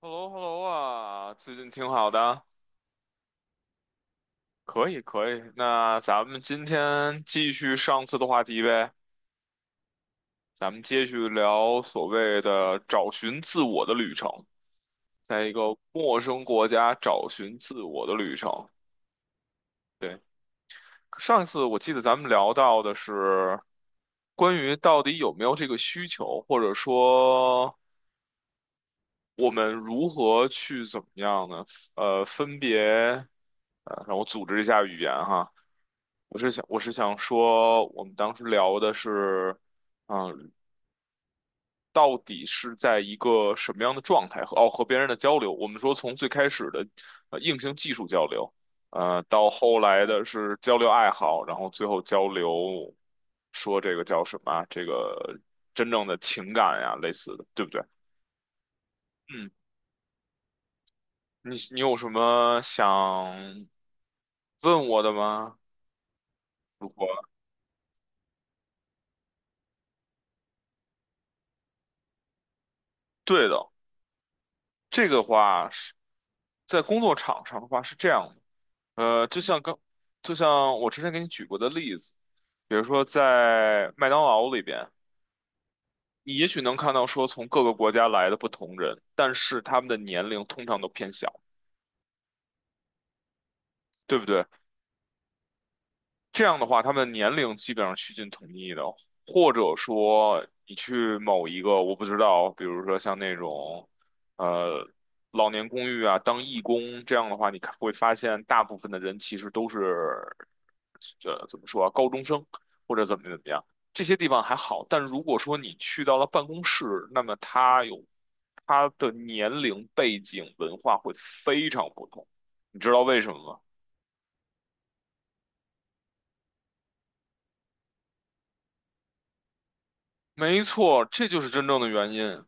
h e l l o h e l l o 啊，最近挺好的，可以可以。那咱们今天继续上次的话题呗，咱们继续聊所谓的找寻自我的旅程，在一个陌生国家找寻自我的旅程。对，上一次我记得咱们聊到的是关于到底有没有这个需求，或者说我们如何去怎么样呢？呃，分别，呃，让我组织一下语言哈。我是想说，我们当时聊的是，嗯，到底是在一个什么样的状态和别人的交流？我们说从最开始的硬性技术交流，到后来的是交流爱好，然后最后交流说这个叫什么啊这个真正的情感呀，类似的，对不对？嗯，你有什么想问我的吗？如果对的，这个话是在工作场上的话是这样的，呃，就像刚，就像我之前给你举过的例子，比如说在麦当劳里边，你也许能看到说从各个国家来的不同人，但是他们的年龄通常都偏小，对不对？这样的话，他们年龄基本上趋近统一的，或者说你去某一个，我不知道，比如说像那种，呃，老年公寓啊，当义工这样的话，你看会发现大部分的人其实都是，这怎么说啊，高中生或者怎么怎么样，这些地方还好，但如果说你去到了办公室，那么他的年龄、背景、文化会非常不同，你知道为什么吗？没错，这就是真正的原因。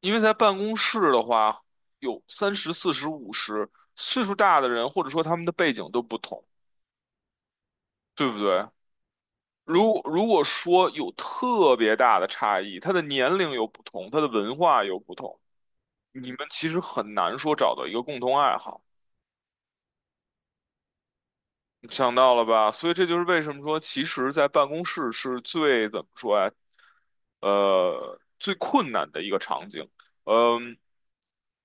因为在办公室的话，有30、40、50，岁数大的人，或者说他们的背景都不同，对不对？如果说有特别大的差异，他的年龄有不同，他的文化有不同，你们其实很难说找到一个共同爱好。想到了吧？所以这就是为什么说，其实，在办公室是最怎么说呀？最困难的一个场景，嗯、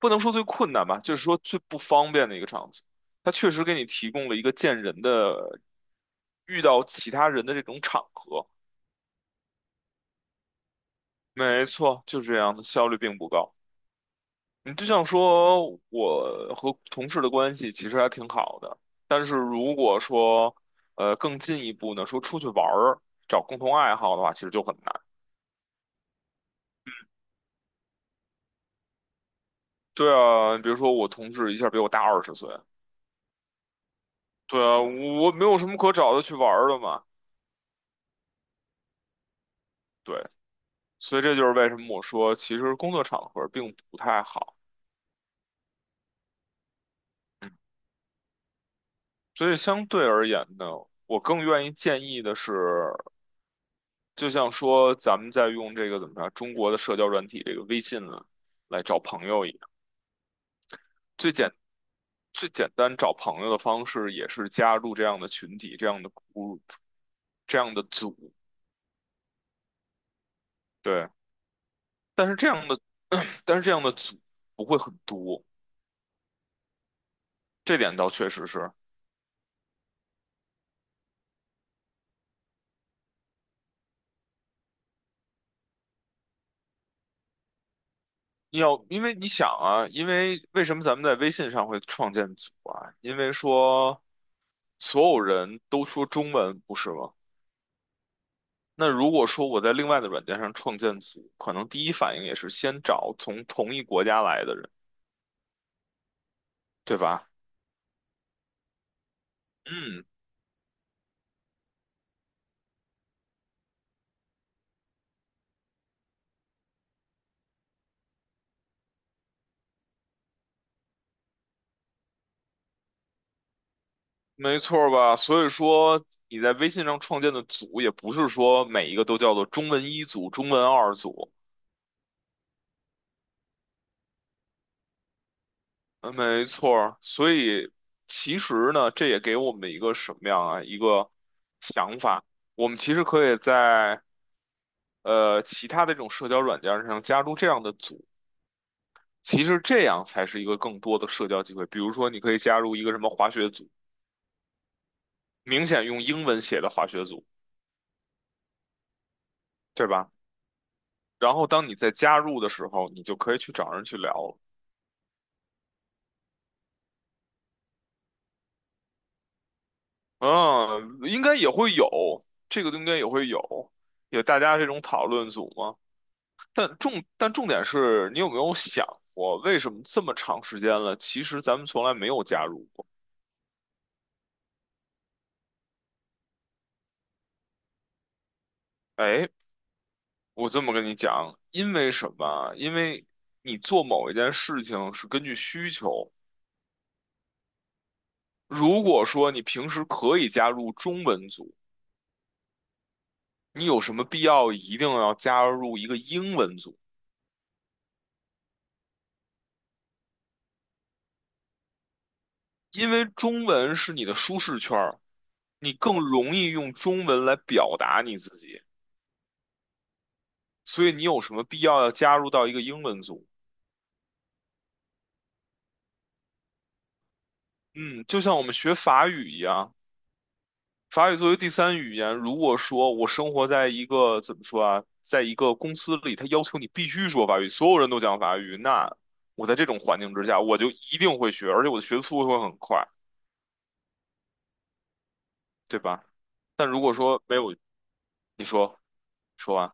不能说最困难吧，就是说最不方便的一个场景。它确实给你提供了一个见人的、遇到其他人的这种场合。没错，就是这样的，效率并不高。你就像说，我和同事的关系其实还挺好的，但是如果说，更进一步呢，说出去玩儿，找共同爱好的话，其实就很难。对啊，比如说我同事一下比我大20岁，对啊，我没有什么可找的去玩儿的嘛。对，所以这就是为什么我说，其实工作场合并不太好。所以相对而言呢，我更愿意建议的是，就像说咱们在用这个怎么着，中国的社交软体这个微信呢，来找朋友一样。最简最简单找朋友的方式也是加入这样的群体、这样的 group、这样的组，对。但是这样的，但是这样的组不会很多，这点倒确实是。要，因为你想啊，因为为什么咱们在微信上会创建组啊？因为说所有人都说中文，不是吗？那如果说我在另外的软件上创建组，可能第一反应也是先找从同一国家来的人，对吧？嗯，没错儿吧？所以说你在微信上创建的组，也不是说每一个都叫做中文一组、中文二组。嗯，没错儿。所以其实呢，这也给我们一个什么样啊？一个想法，我们其实可以在其他的这种社交软件上加入这样的组。其实这样才是一个更多的社交机会。比如说，你可以加入一个什么滑雪组，明显用英文写的滑雪组，对吧？然后当你在加入的时候，你就可以去找人去聊了。嗯，应该也会有，这个应该也会有，有大家这种讨论组嘛。但重点是你有没有想过，为什么这么长时间了，其实咱们从来没有加入过？哎，我这么跟你讲，因为什么啊因为你做某一件事情是根据需求。如果说你平时可以加入中文组，你有什么必要一定要加入一个英文组？因为中文是你的舒适圈儿。你更容易用中文来表达你自己，所以你有什么必要要加入到一个英文组？嗯，就像我们学法语一样，法语作为第三语言，如果说我生活在一个怎么说啊，在一个公司里，他要求你必须说法语，所有人都讲法语，那我在这种环境之下，我就一定会学，而且我的学速度会很快，对吧？但如果说没有，你说说完，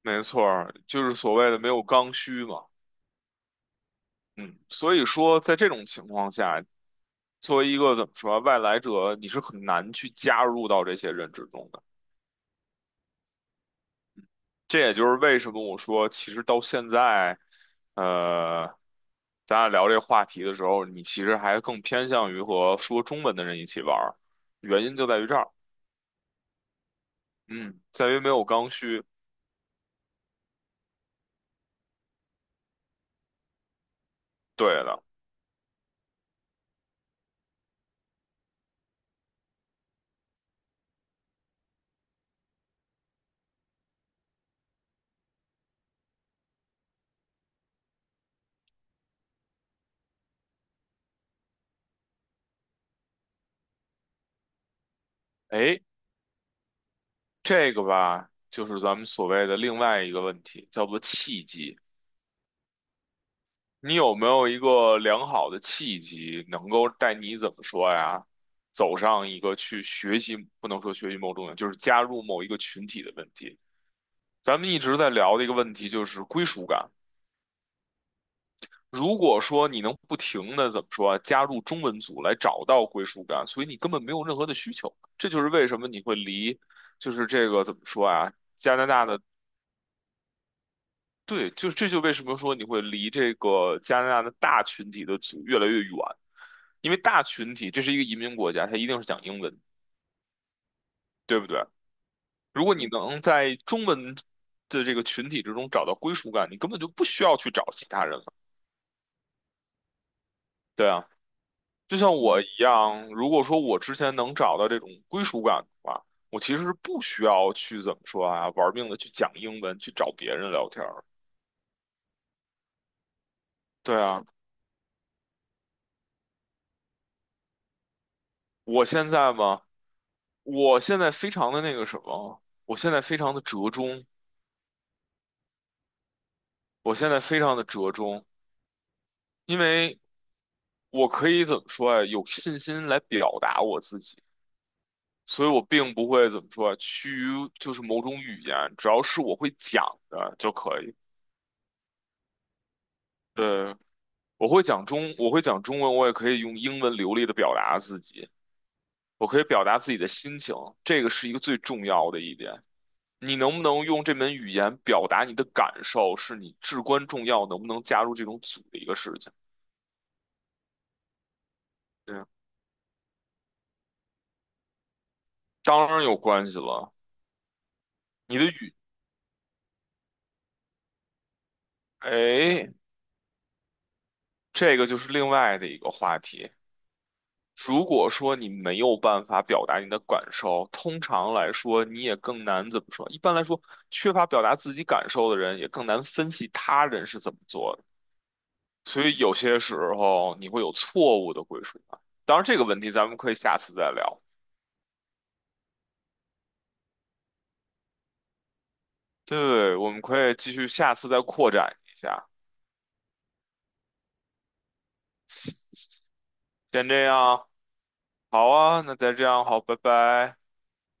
没错儿，就是所谓的没有刚需嘛。嗯，所以说，在这种情况下，作为一个怎么说啊外来者，你是很难去加入到这些人之中的。这也就是为什么我说，其实到现在，呃，咱俩聊这个话题的时候，你其实还更偏向于和说中文的人一起玩儿，原因就在于这儿，嗯，在于没有刚需。对了，哎，这个吧，就是咱们所谓的另外一个问题，叫做契机。你有没有一个良好的契机，能够带你怎么说呀，走上一个去学习，不能说学习某种，就是加入某一个群体的问题？咱们一直在聊的一个问题就是归属感。如果说你能不停的怎么说啊，加入中文组来找到归属感，所以你根本没有任何的需求。这就是为什么你会离，就是这个怎么说啊，加拿大的对，就这就为什么说你会离这个加拿大的大群体的族越来越远，因为大群体这是一个移民国家，它一定是讲英文，对不对？如果你能在中文的这个群体之中找到归属感，你根本就不需要去找其他人了。对啊，就像我一样，如果说我之前能找到这种归属感的话，我其实是不需要去怎么说啊，玩命的去讲英文，去找别人聊天儿对啊，我现在嘛。我现在非常的那个什么，我现在非常的折中，因为我可以怎么说啊，有信心来表达我自己，所以我并不会怎么说啊，趋于就是某种语言，只要是我会讲的就可以。对，我会讲中文，我也可以用英文流利的表达自己，我可以表达自己的心情，这个是一个最重要的一点。你能不能用这门语言表达你的感受，是你至关重要，能不能加入这种组的一个事情。对，当然有关系了。你的语，哎，这个就是另外的一个话题。如果说你没有办法表达你的感受，通常来说你也更难怎么说？一般来说，缺乏表达自己感受的人也更难分析他人是怎么做的。所以有些时候你会有错误的归属感。当然，这个问题咱们可以下次再聊。对，我们可以继续下次再扩展一下。先这样，好啊，那再这样，好，拜拜。